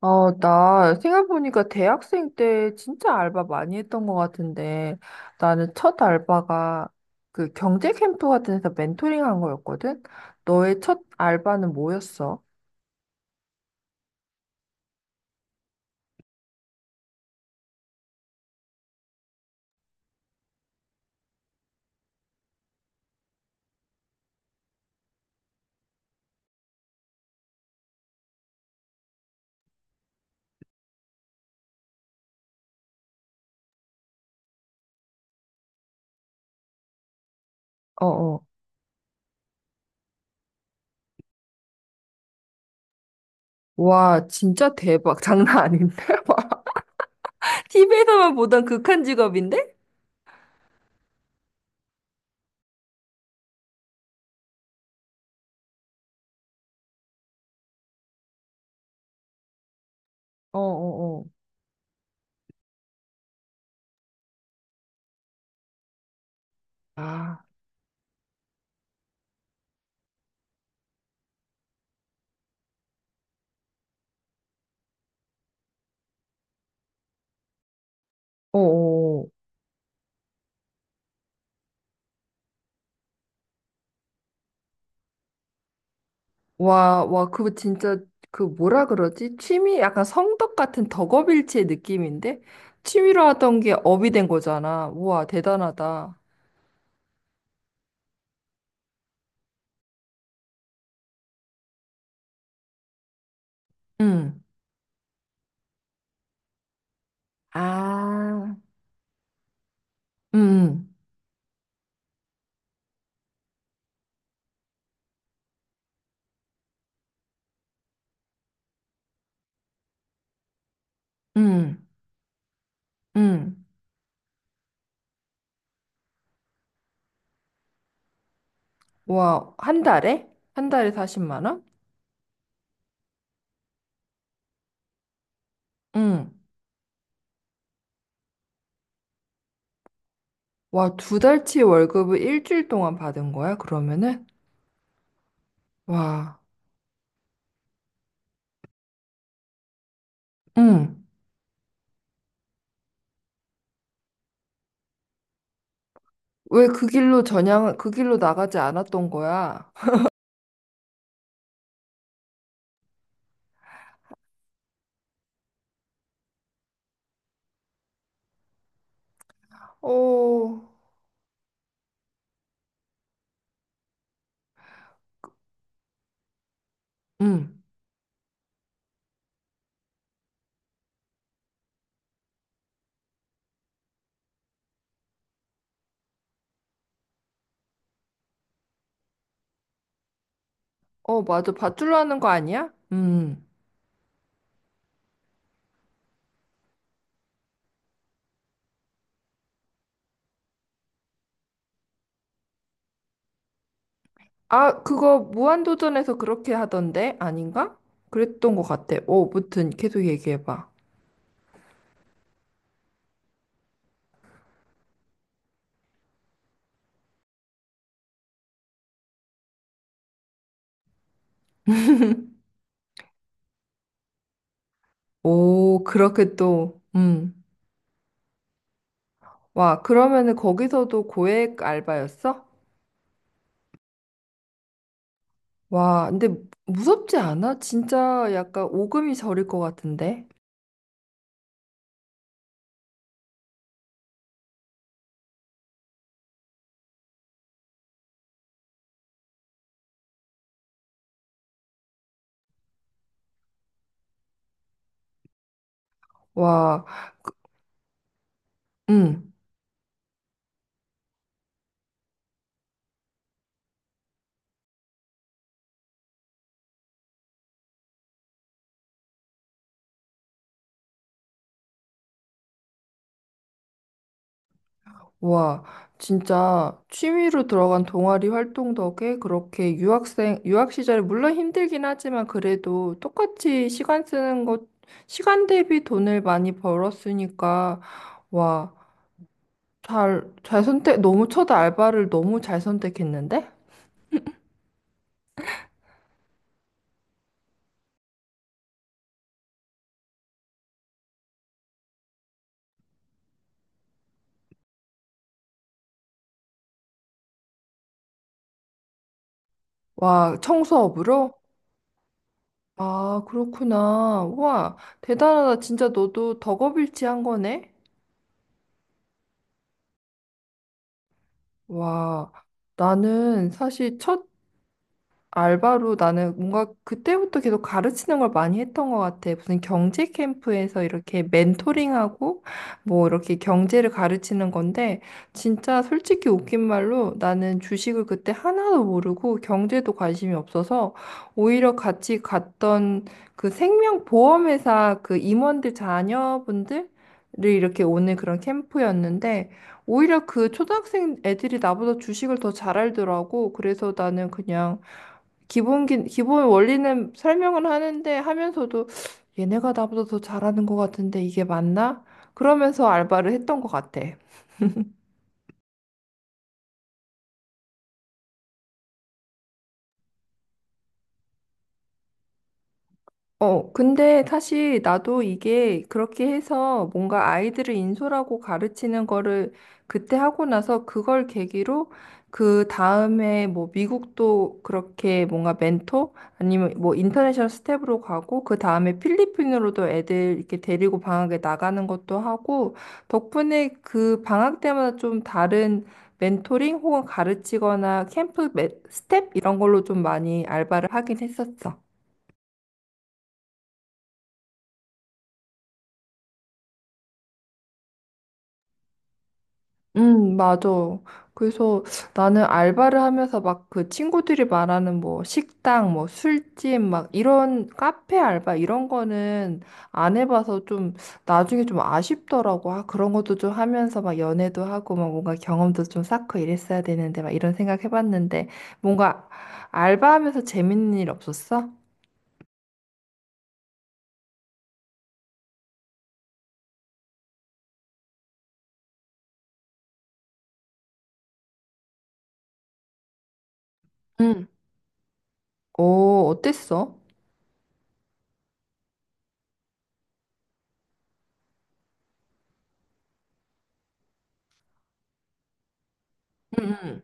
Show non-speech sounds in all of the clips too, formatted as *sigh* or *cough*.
나 생각해보니까 대학생 때 진짜 알바 많이 했던 것 같은데 나는 첫 알바가 그 경제 캠프 같은 데서 멘토링 한 거였거든? 너의 첫 알바는 뭐였어? 어어. 와, 진짜 대박. *laughs* 장난 아닌데? *laughs* 와, TV에서만 보던 극한 직업인데? 어어어. 아, 어어. 와, 와, 그거 진짜, 그 뭐라 그러지? 취미, 약간 성덕 같은 덕업일치의 느낌인데? 취미로 하던 게 업이 된 거잖아. 우와, 대단하다. 응. 아. 응, 응, 응. 와, 한 달에? 한 달에 40만 원? 응. 와, 두 달치 월급을 일주일 동안 받은 거야, 그러면은? 와, 응. 왜 그 길로 전향, 그 길로 나가지 않았던 거야? *laughs* 어, 응. 어, 맞아. 밧줄로 하는 거 아니야? 음. 아, 그거 무한도전에서 그렇게 하던데? 아닌가? 그랬던 것 같아. 어, 무튼 계속 얘기해봐. 오, 그렇게 또, 와, 그러면은 거기서도 고액 알바였어? 와, 근데 무섭지 않아? 진짜 약간 오금이 저릴 것 같은데? 와, 음. 와, 진짜 취미로 들어간 동아리 활동 덕에 그렇게 유학생, 유학 시절에 물론 힘들긴 하지만 그래도 똑같이 시간 쓰는 것, 시간 대비 돈을 많이 벌었으니까, 와, 잘, 잘 선택, 너무 첫 알바를 너무 잘 선택했는데? 와, 청소업으로? 아, 그렇구나. 와, 대단하다. 진짜 너도 덕업일치 한 거네? 와, 나는 사실 첫 알바로 나는 뭔가 그때부터 계속 가르치는 걸 많이 했던 것 같아. 무슨 경제 캠프에서 이렇게 멘토링하고 뭐 이렇게 경제를 가르치는 건데 진짜 솔직히 웃긴 말로 나는 주식을 그때 하나도 모르고 경제도 관심이 없어서 오히려 같이 갔던 그 생명보험회사 그 임원들 자녀분들 를 이렇게 오는 그런 캠프였는데 오히려 그 초등학생 애들이 나보다 주식을 더 잘 알더라고. 그래서 나는 그냥 기본 원리는 설명은 하는데 하면서도 얘네가 나보다 더 잘하는 것 같은데 이게 맞나? 그러면서 알바를 했던 것 같아. 어, 근데 사실 나도 이게 그렇게 해서 뭔가 아이들을 인솔하고 가르치는 거를 그때 하고 나서 그걸 계기로 그 다음에 뭐 미국도 그렇게 뭔가 멘토 아니면 뭐 인터내셔널 스텝으로 가고 그 다음에 필리핀으로도 애들 이렇게 데리고 방학에 나가는 것도 하고 덕분에 그 방학 때마다 좀 다른 멘토링 혹은 가르치거나 캠프 매- 스텝 이런 걸로 좀 많이 알바를 하긴 했었어. 맞아. 그래서 나는 알바를 하면서 막 그 친구들이 말하는 뭐 식당, 뭐 술집, 막 이런 카페 알바 이런 거는 안 해봐서 좀 나중에 좀 아쉽더라고. 아, 그런 것도 좀 하면서 막 연애도 하고 막 뭔가 경험도 좀 쌓고 이랬어야 되는데 막 이런 생각 해봤는데 뭔가 알바하면서 재밌는 일 없었어? 응, 오, 어땠어? 응,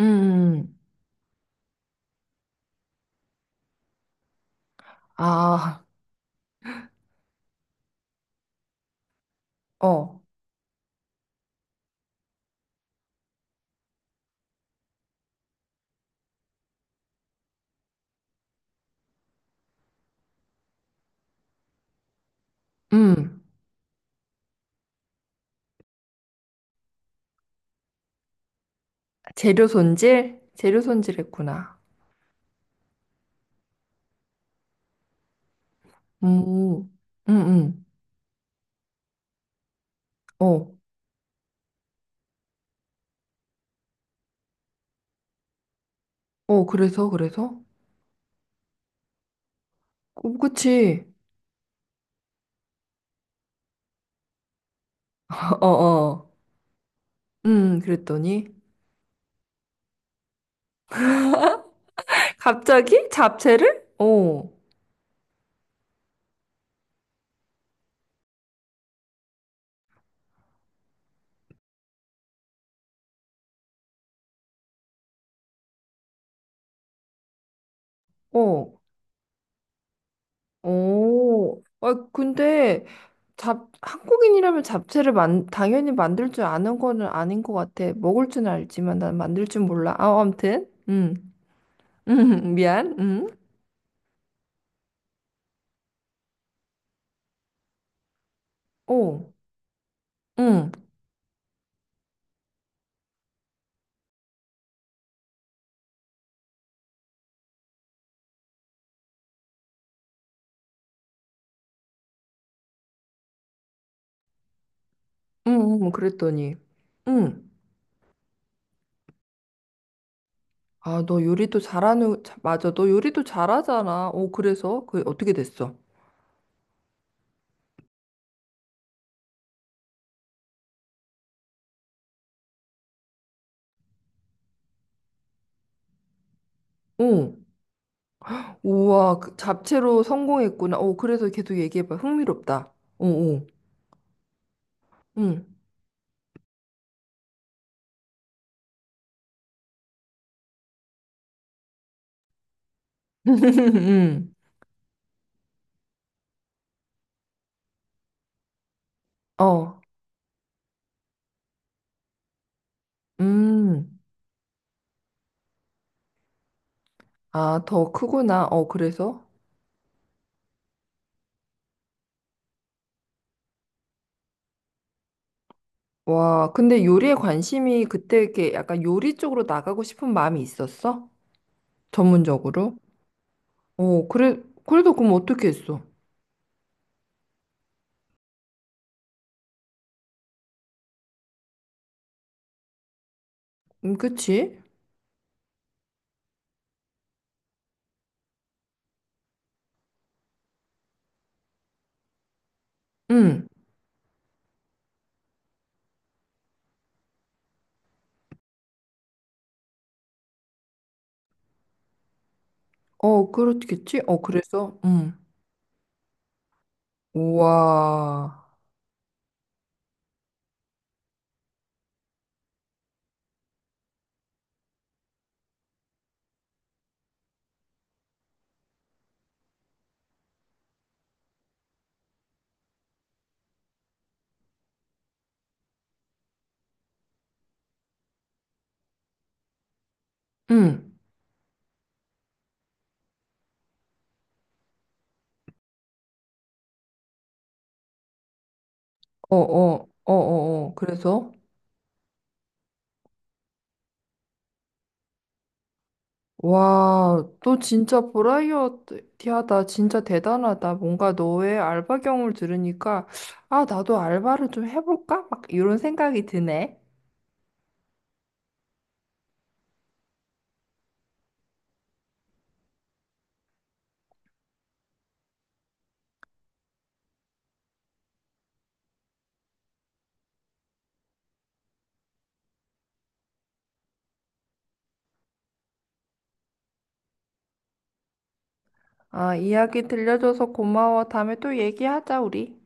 응. 응. 아, 어, 음. 재료 손질? 재료 손질했구나. 음, 음, 음. 어, 어, 그래서, 그래서? 어, 그치. *laughs* 어, 어. 그랬더니. *laughs* 갑자기? 잡채를? 어, 어, 어. 아, 근데, 잡, 한국인이라면 잡채를 만, 당연히 만들 줄 아는 거는 아닌 것 같아. 먹을 줄 알지만 난 만들 줄 몰라. 아, 아무튼. *laughs* 미안. 어, 음, 그랬더니. 음. 아, 너 요리도 잘하는, 자- 맞아. 너 요리도 잘하잖아. 오, 그래서? 그, 어떻게 됐어? 오, 우와, 그 잡채로 성공했구나. 오, 그래서 계속 얘기해봐. 흥미롭다. 오, 오, 응, *laughs* 응, 어, 음. 아, 더 크구나. 어, 그래서? 와, 근데 요리에 관심이 그때 이렇게 약간 요리 쪽으로 나가고 싶은 마음이 있었어? 전문적으로? 어, 그래, 그래도 그럼 어떻게 했어? 그치? 응, 어, 그렇겠지? 어, 그래서? 응. 우와. 응. 어, 어, 어, 어, 어. 그래서? 와, 너 진짜 버라이어티하다. 진짜 대단하다. 뭔가 너의 알바 경험을 들으니까, 아, 나도 알바를 좀 해볼까? 막 이런 생각이 드네. 아, 이야기 들려줘서 고마워. 다음에 또 얘기하자, 우리.